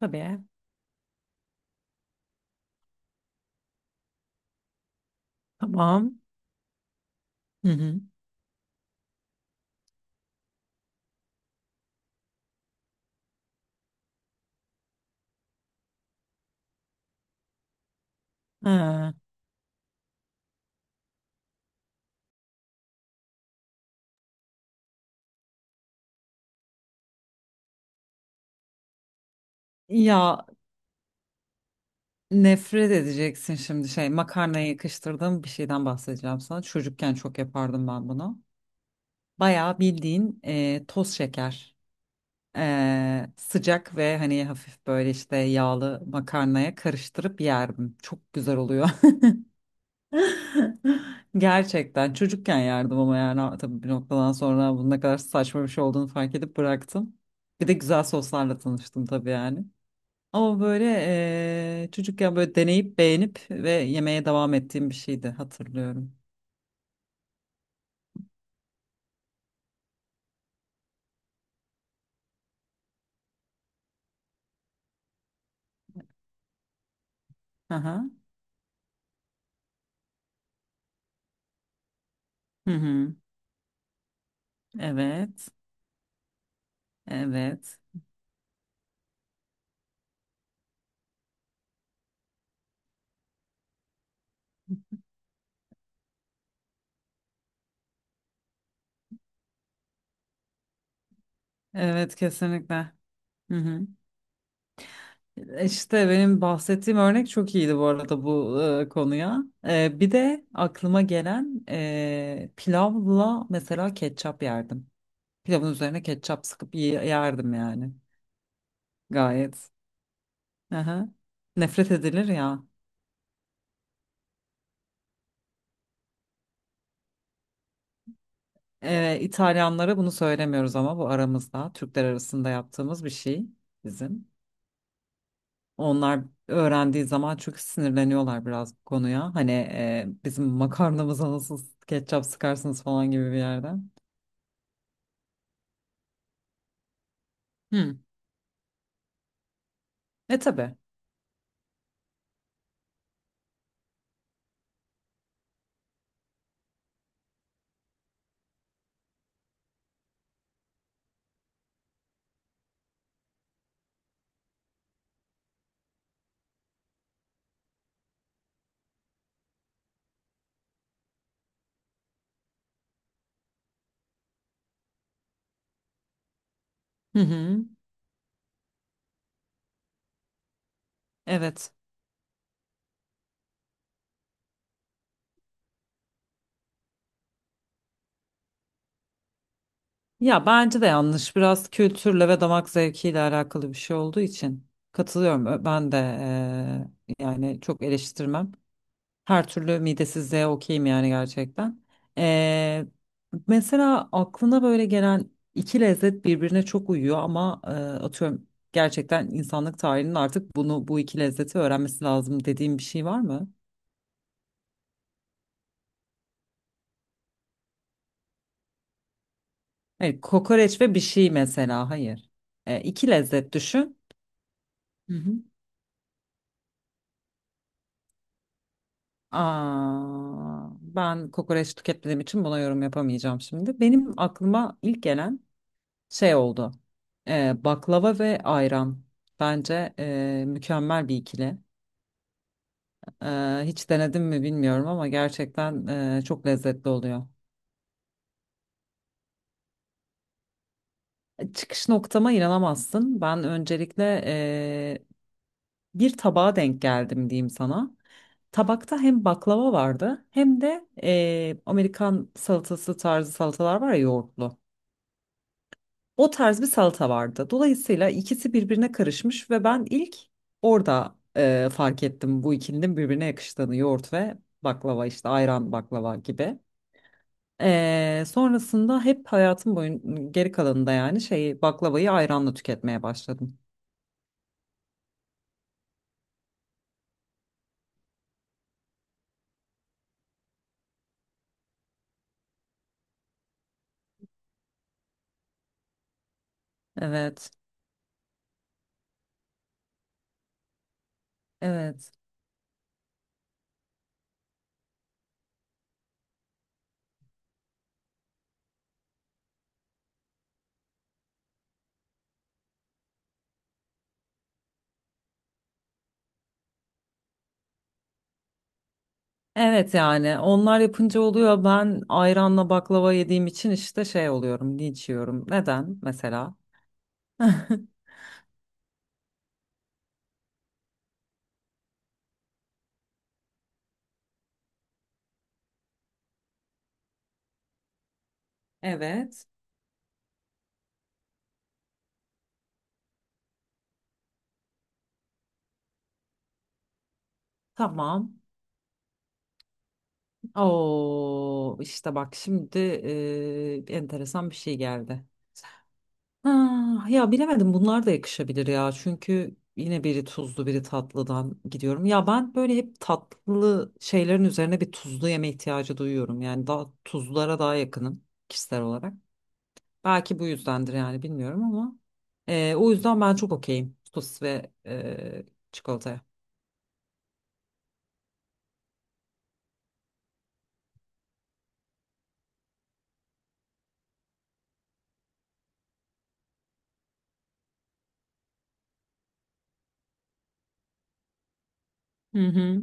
Tabii. Tamam. Hı hı. Ha. Ya nefret edeceksin şimdi şey makarnaya yakıştırdığım bir şeyden bahsedeceğim sana. Çocukken çok yapardım ben bunu. Bayağı bildiğin toz şeker. Sıcak ve hani hafif böyle işte yağlı makarnaya karıştırıp yerdim. Çok güzel oluyor. Gerçekten çocukken yerdim ama yani tabii bir noktadan sonra bunun ne kadar saçma bir şey olduğunu fark edip bıraktım. Bir de güzel soslarla tanıştım tabii yani. Ama böyle çocukken böyle deneyip beğenip ve yemeye devam ettiğim bir şeydi hatırlıyorum. Aha. Hı hı. Evet. Evet. Evet, kesinlikle. Hı hı. İşte benim bahsettiğim örnek çok iyiydi bu arada bu konuya. Bir de aklıma gelen pilavla mesela ketçap yerdim. Pilavın üzerine ketçap sıkıp yerdim yani. Gayet. Aha. Nefret edilir ya. İtalyanlara bunu söylemiyoruz ama bu aramızda. Türkler arasında yaptığımız bir şey bizim. Onlar öğrendiği zaman çok sinirleniyorlar biraz bu konuya. Hani bizim makarnamıza nasıl ketçap sıkarsınız falan gibi bir yerden. Hı. E tabii. Hı hı. Evet. Ya bence de yanlış. Biraz kültürle ve damak zevkiyle alakalı bir şey olduğu için katılıyorum. Ben de yani çok eleştirmem. Her türlü midesizliğe okeyim yani gerçekten. Eee, mesela aklına böyle gelen iki lezzet birbirine çok uyuyor ama atıyorum gerçekten insanlık tarihinin artık bunu bu iki lezzeti öğrenmesi lazım dediğim bir şey var mı? Hayır, kokoreç ve bir şey mesela. Hayır. E, iki lezzet düşün. Hı hı. Aa, ben kokoreç tüketmediğim için buna yorum yapamayacağım şimdi. Benim aklıma ilk gelen şey oldu. Baklava ve ayran. Bence mükemmel bir ikili. Hiç denedim mi bilmiyorum ama gerçekten çok lezzetli oluyor. Çıkış noktama inanamazsın. Ben öncelikle bir tabağa denk geldim diyeyim sana. Tabakta hem baklava vardı hem de Amerikan salatası tarzı salatalar var ya yoğurtlu. O tarz bir salata vardı. Dolayısıyla ikisi birbirine karışmış ve ben ilk orada fark ettim bu ikilinin birbirine yakıştığını. Yoğurt ve baklava işte ayran baklava gibi. Sonrasında hep hayatım boyun geri kalanında yani şeyi baklavayı ayranla tüketmeye başladım. Evet, evet. Evet yani onlar yapınca oluyor. Ben ayranla baklava yediğim için işte şey oluyorum, linç yiyorum. Neden mesela? Evet. Tamam. Oo işte bak şimdi enteresan bir şey geldi. Ha, ya bilemedim bunlar da yakışabilir ya. Çünkü yine biri tuzlu biri tatlıdan gidiyorum. Ya ben böyle hep tatlı şeylerin üzerine bir tuzlu yeme ihtiyacı duyuyorum. Yani daha tuzlulara daha yakınım kişisel olarak. Belki bu yüzdendir yani bilmiyorum ama o yüzden ben çok okeyim sosis ve çikolataya. Hı hı.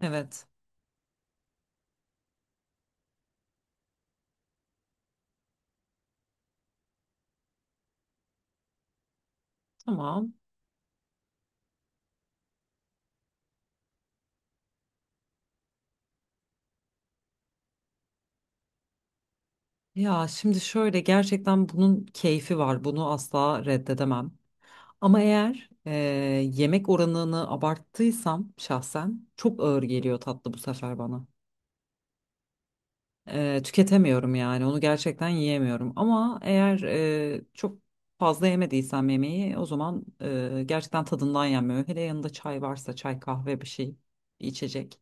Evet. Tamam. Ya şimdi şöyle gerçekten bunun keyfi var. Bunu asla reddedemem. Ama eğer yemek oranını abarttıysam şahsen çok ağır geliyor tatlı bu sefer bana. Tüketemiyorum yani onu gerçekten yiyemiyorum ama eğer çok fazla yemediysem yemeği o zaman gerçekten tadından yenmiyor. Hele yanında çay varsa çay kahve bir şey bir içecek.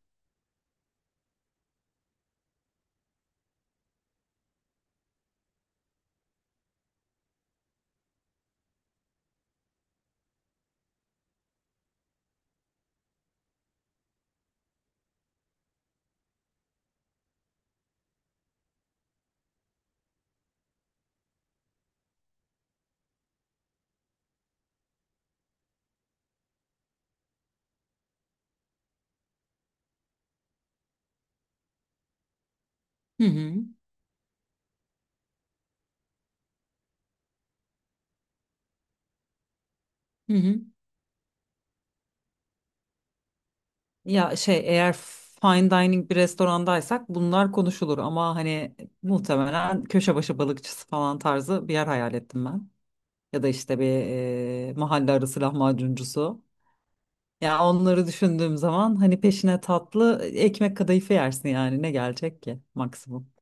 Hı hı. Hı hı. Ya şey eğer fine dining bir restorandaysak bunlar konuşulur ama hani muhtemelen köşe başı balıkçısı falan tarzı bir yer hayal ettim ben. Ya da işte bir mahalle arası lahmacuncusu. Ya onları düşündüğüm zaman hani peşine tatlı ekmek kadayıfı yersin yani ne gelecek ki maksimum.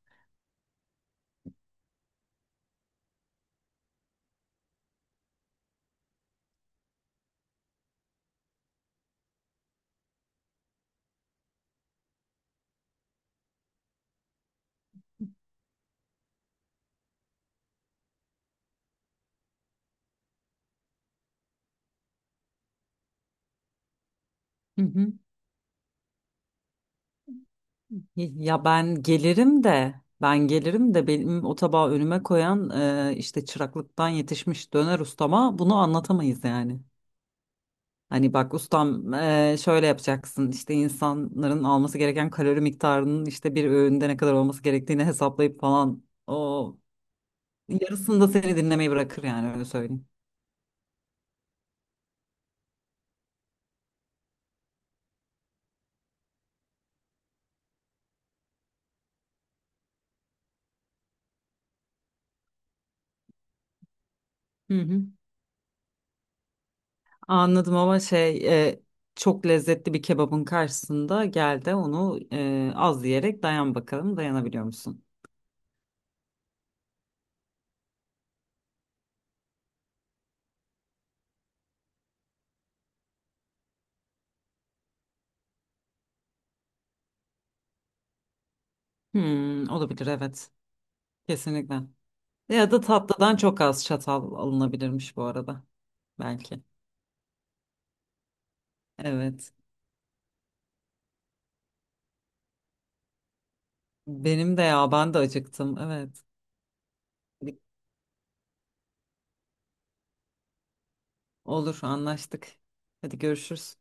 Hı hı. Ya ben gelirim de benim o tabağı önüme koyan işte çıraklıktan yetişmiş döner ustama bunu anlatamayız yani. Hani bak ustam şöyle yapacaksın işte insanların alması gereken kalori miktarının işte bir öğünde ne kadar olması gerektiğini hesaplayıp falan o yarısında seni dinlemeyi bırakır yani öyle söyleyeyim. Hı hı. Anladım ama şey çok lezzetli bir kebabın karşısında gel de onu az yiyerek dayan bakalım dayanabiliyor musun? Hmm, olabilir, evet, kesinlikle. Ya da tatlıdan çok az çatal alınabilirmiş bu arada belki. Evet, benim de, ya ben de acıktım, evet. Olur, anlaştık. Hadi görüşürüz.